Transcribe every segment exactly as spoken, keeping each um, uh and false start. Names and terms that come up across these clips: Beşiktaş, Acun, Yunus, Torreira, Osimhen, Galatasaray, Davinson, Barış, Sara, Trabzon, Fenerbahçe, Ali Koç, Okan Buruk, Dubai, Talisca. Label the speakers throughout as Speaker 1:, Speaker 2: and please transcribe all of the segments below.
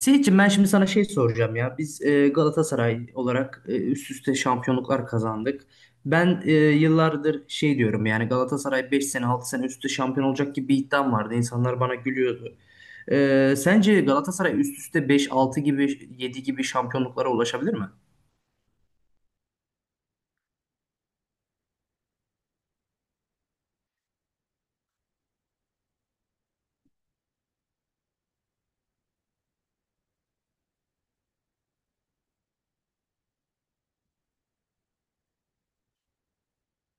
Speaker 1: Seyitciğim ben şimdi sana şey soracağım ya. Biz e, Galatasaray olarak e, üst üste şampiyonluklar kazandık. Ben e, yıllardır şey diyorum yani Galatasaray beş sene altı sene üst üste şampiyon olacak gibi bir iddiam vardı. İnsanlar bana gülüyordu. E, sence Galatasaray üst üste beş, altı gibi yedi gibi şampiyonluklara ulaşabilir mi?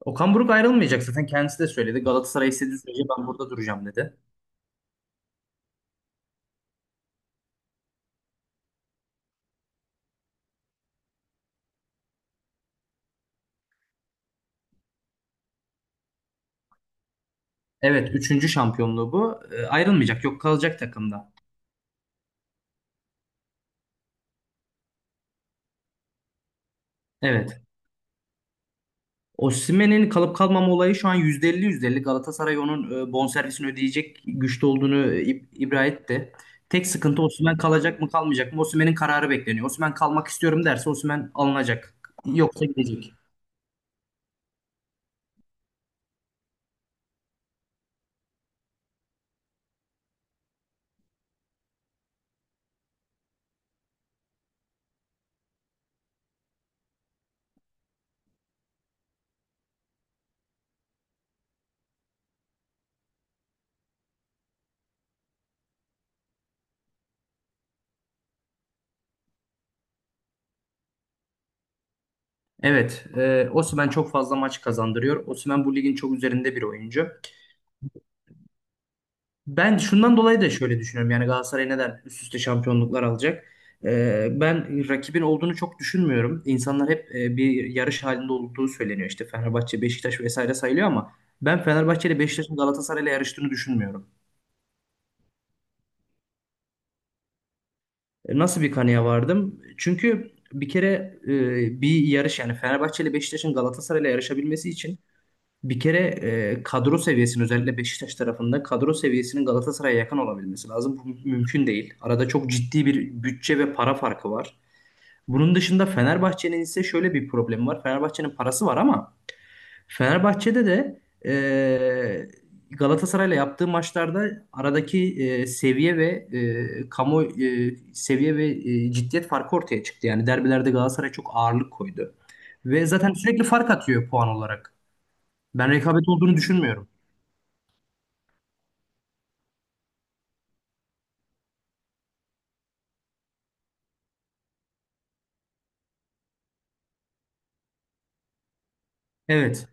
Speaker 1: Okan Buruk ayrılmayacak, zaten kendisi de söyledi. Galatasaray istediği sürece ben burada duracağım dedi. Evet, üçüncü şampiyonluğu bu. E, ayrılmayacak, yok, kalacak takımda. Evet. Osimhen'in kalıp kalmama olayı şu an yüzde elli yüzde elli. Galatasaray onun e, bonservisini ödeyecek güçte olduğunu e, ib- ibra etti. Tek sıkıntı Osimhen kalacak mı kalmayacak mı? Osimhen'in kararı bekleniyor. Osimhen kalmak istiyorum derse Osimhen alınacak. Yoksa gidecek. Evet, e, Osimhen çok fazla maç kazandırıyor. Osimhen bu ligin çok üzerinde bir oyuncu. Ben şundan dolayı da şöyle düşünüyorum. Yani Galatasaray neden üst üste şampiyonluklar alacak? Ee, ben rakibin olduğunu çok düşünmüyorum. İnsanlar hep e, bir yarış halinde olduğu söyleniyor. İşte Fenerbahçe, Beşiktaş vesaire sayılıyor ama ben Fenerbahçe ile Beşiktaş'ın Galatasaray ile yarıştığını düşünmüyorum. E, Nasıl bir kanıya vardım? Çünkü bir kere e, bir yarış, yani Fenerbahçe ile Beşiktaş'ın Galatasaray ile yarışabilmesi için bir kere e, kadro seviyesinin, özellikle Beşiktaş tarafında, kadro seviyesinin Galatasaray'a yakın olabilmesi lazım. Bu mü- mümkün değil. Arada çok ciddi bir bütçe ve para farkı var. Bunun dışında Fenerbahçe'nin ise şöyle bir problemi var. Fenerbahçe'nin parası var ama Fenerbahçe'de de e, Galatasaray'la yaptığı maçlarda aradaki e, seviye ve e, kamu e, seviye ve e, ciddiyet farkı ortaya çıktı. Yani derbilerde Galatasaray çok ağırlık koydu. Ve zaten sürekli fark atıyor puan olarak. Ben rekabet olduğunu düşünmüyorum. Evet.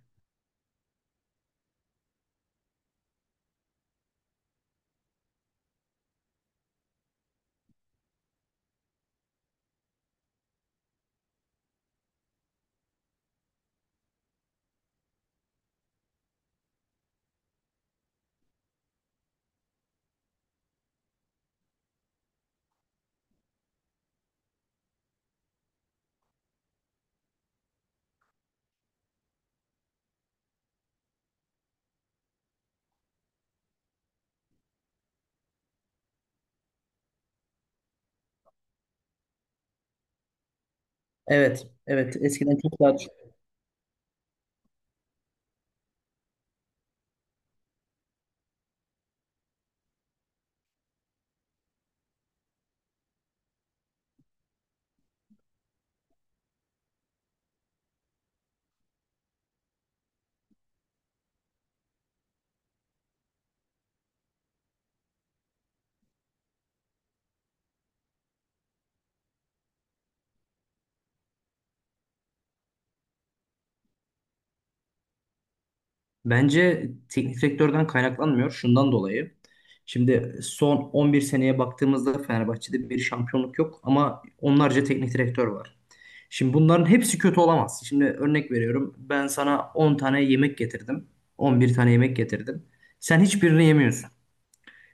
Speaker 1: Evet, evet. Eskiden çok daha düşük. Bence teknik direktörden kaynaklanmıyor, şundan dolayı. Şimdi son on bir seneye baktığımızda Fenerbahçe'de bir şampiyonluk yok ama onlarca teknik direktör var. Şimdi bunların hepsi kötü olamaz. Şimdi örnek veriyorum. Ben sana on tane yemek getirdim. on bir tane yemek getirdim. Sen hiçbirini yemiyorsun.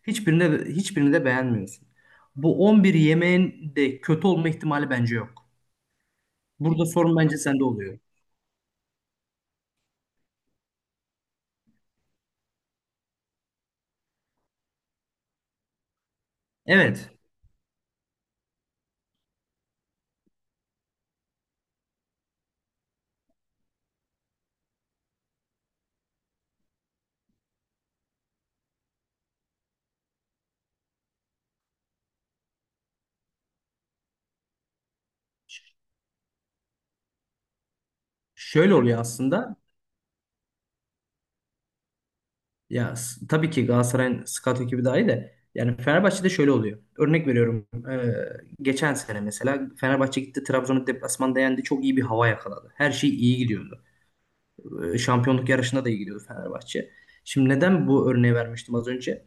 Speaker 1: Hiçbirini de, hiçbirini de beğenmiyorsun. Bu on bir yemeğin de kötü olma ihtimali bence yok. Burada sorun bence sende oluyor. Evet. Şöyle oluyor aslında. Ya s- tabii ki Galatasaray'ın scout ekibi dahi de, yani Fenerbahçe'de şöyle oluyor. Örnek veriyorum. E, geçen sene mesela Fenerbahçe gitti, Trabzon'u deplasmanda yendi. Çok iyi bir hava yakaladı. Her şey iyi gidiyordu. E, şampiyonluk yarışında da iyi gidiyordu Fenerbahçe. Şimdi neden bu örneği vermiştim az önce?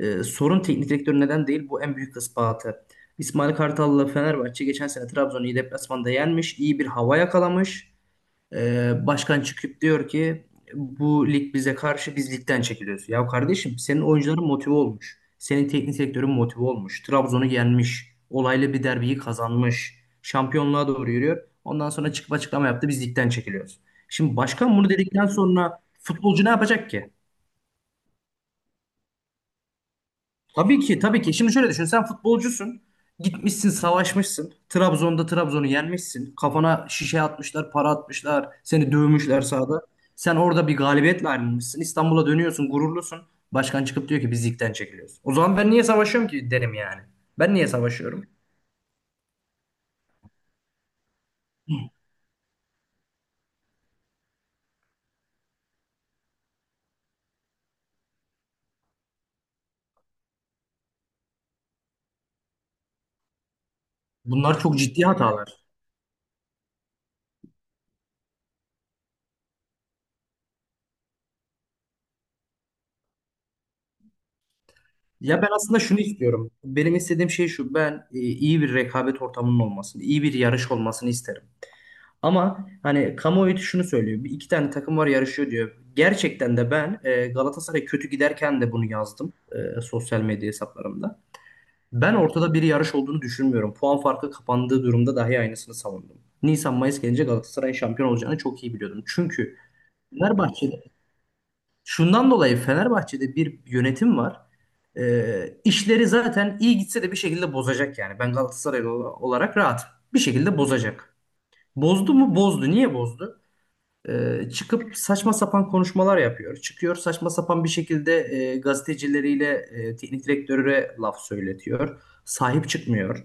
Speaker 1: E, sorun teknik direktör neden değil? Bu en büyük ispatı. İsmail Kartal'la Fenerbahçe geçen sene Trabzon'u iyi deplasmanda yenmiş. İyi bir hava yakalamış. Ee, başkan çıkıp diyor ki bu lig bize karşı, biz ligden çekiliyoruz. Ya kardeşim, senin oyuncuların motive olmuş. Senin teknik direktörün motive olmuş. Trabzon'u yenmiş. Olaylı bir derbiyi kazanmış. Şampiyonluğa doğru yürüyor. Ondan sonra çıkıp açıklama yaptı, biz ligden çekiliyoruz. Şimdi başkan bunu dedikten sonra futbolcu ne yapacak ki? Tabii ki, tabii ki. Şimdi şöyle düşün. Sen futbolcusun. Gitmişsin, savaşmışsın. Trabzon'da Trabzon'u yenmişsin. Kafana şişe atmışlar, para atmışlar. Seni dövmüşler sahada. Sen orada bir galibiyetle ayrılmışsın. İstanbul'a dönüyorsun, gururlusun. Başkan çıkıp diyor ki biz ligden çekiliyoruz. O zaman ben niye savaşıyorum ki derim yani. Ben niye savaşıyorum? Bunlar çok ciddi hatalar. Ya ben aslında şunu istiyorum. Benim istediğim şey şu. Ben e, iyi bir rekabet ortamının olmasını, iyi bir yarış olmasını isterim. Ama hani kamuoyu şunu söylüyor. Bir iki tane takım var, yarışıyor diyor. Gerçekten de ben e, Galatasaray kötü giderken de bunu yazdım e, sosyal medya hesaplarımda. Ben ortada bir yarış olduğunu düşünmüyorum. Puan farkı kapandığı durumda dahi aynısını savundum. Nisan-Mayıs gelince Galatasaray'ın şampiyon olacağını çok iyi biliyordum. Çünkü Fenerbahçe'de, şundan dolayı, Fenerbahçe'de bir yönetim var. E, işleri zaten iyi gitse de bir şekilde bozacak yani. Ben Galatasaraylı ola- olarak rahat. Bir şekilde bozacak. Bozdu mu? Bozdu. Niye bozdu? Ee, çıkıp saçma sapan konuşmalar yapıyor. Çıkıyor saçma sapan bir şekilde, e, gazetecileriyle e, teknik direktöre laf söyletiyor. Sahip çıkmıyor.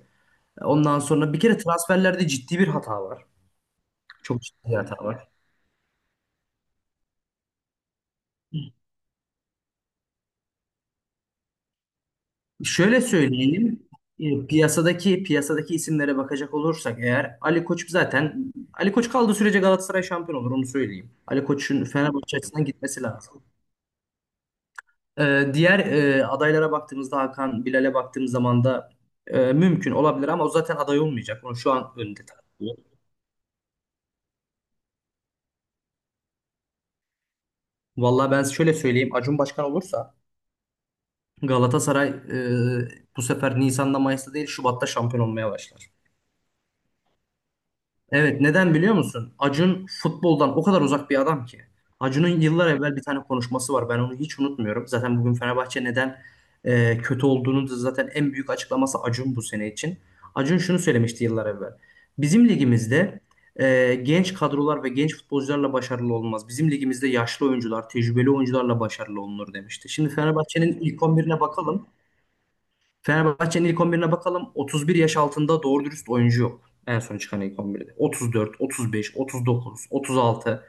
Speaker 1: Ondan sonra bir kere transferlerde ciddi bir hata var. Çok ciddi bir hata var. Şöyle söyleyeyim. e, Piyasadaki piyasadaki isimlere bakacak olursak eğer Ali Koç, zaten Ali Koç kaldığı sürece Galatasaray şampiyon olur, onu söyleyeyim. Ali Koç'un Fenerbahçe açısından gitmesi lazım. Ee, diğer e, adaylara baktığımızda Hakan Bilal'e baktığım zaman da e, mümkün olabilir ama o zaten aday olmayacak. Onu şu an önde tartıyor. Vallahi ben şöyle söyleyeyim. Acun başkan olursa Galatasaray e, bu sefer Nisan'da, Mayıs'ta değil, Şubat'ta şampiyon olmaya başlar. Evet, neden biliyor musun? Acun futboldan o kadar uzak bir adam ki. Acun'un yıllar evvel bir tane konuşması var. Ben onu hiç unutmuyorum. Zaten bugün Fenerbahçe neden e, kötü olduğunu da zaten en büyük açıklaması Acun bu sene için. Acun şunu söylemişti yıllar evvel. Bizim ligimizde e, genç kadrolar ve genç futbolcularla başarılı olmaz. Bizim ligimizde yaşlı oyuncular, tecrübeli oyuncularla başarılı olunur demişti. Şimdi Fenerbahçe'nin ilk on birine bakalım. Fenerbahçe'nin ilk on birine bakalım. otuz bir yaş altında doğru dürüst oyuncu yok. En son çıkan ilk on birde. otuz dört, otuz beş, otuz dokuz, otuz altı.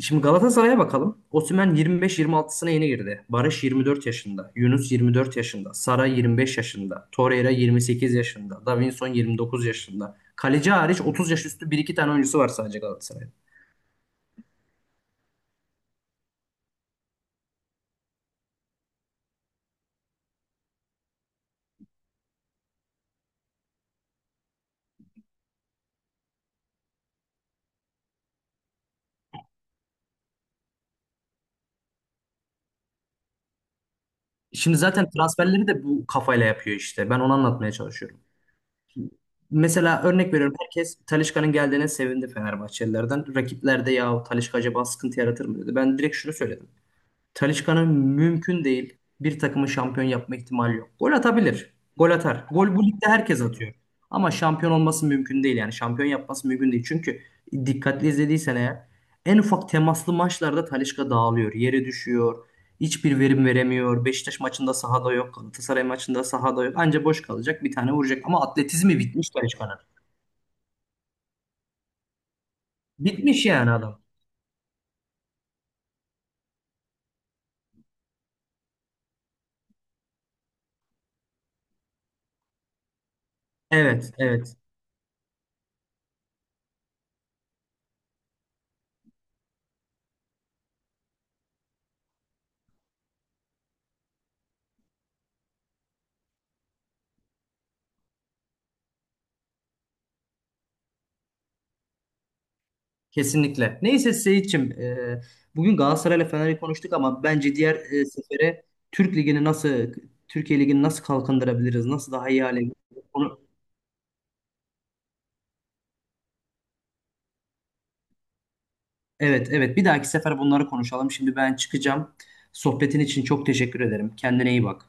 Speaker 1: Şimdi Galatasaray'a bakalım. Osimhen yirmi beş yirmi altısına yeni girdi. Barış yirmi dört yaşında. Yunus yirmi dört yaşında. Sara yirmi beş yaşında. Torreira yirmi sekiz yaşında. Davinson yirmi dokuz yaşında. Kaleci hariç otuz yaş üstü bir iki tane oyuncusu var sadece Galatasaray'ın. Şimdi zaten transferleri de bu kafayla yapıyor işte. Ben onu anlatmaya çalışıyorum. Mesela örnek veriyorum, herkes Talisca'nın geldiğine sevindi Fenerbahçelilerden. Rakipler de ya Talisca acaba sıkıntı yaratır mı dedi. Ben direkt şunu söyledim. Talisca'nın mümkün değil, bir takımı şampiyon yapma ihtimali yok. Gol atabilir. Gol atar. Gol bu ligde herkes atıyor. Ama şampiyon olması mümkün değil yani. Şampiyon yapması mümkün değil. Çünkü dikkatli izlediysen eğer, en ufak temaslı maçlarda Talisca dağılıyor. Yere düşüyor. Hiçbir verim veremiyor. Beşiktaş maçında sahada yok. Galatasaray maçında sahada yok. Anca boş kalacak. Bir tane vuracak. Ama atletizmi bitmiş Talisca'nın. Bitmiş yani adam. Evet, evet. Kesinlikle. Neyse Seyitçim, e, bugün Galatasaray'la Fener'i konuştuk ama bence diğer e, sefere Türk Ligi'ni nasıl, Türkiye Ligi'ni nasıl kalkındırabiliriz, nasıl daha iyi hale getirebiliriz? Onu, evet, evet. Bir dahaki sefer bunları konuşalım. Şimdi ben çıkacağım. Sohbetin için çok teşekkür ederim. Kendine iyi bak.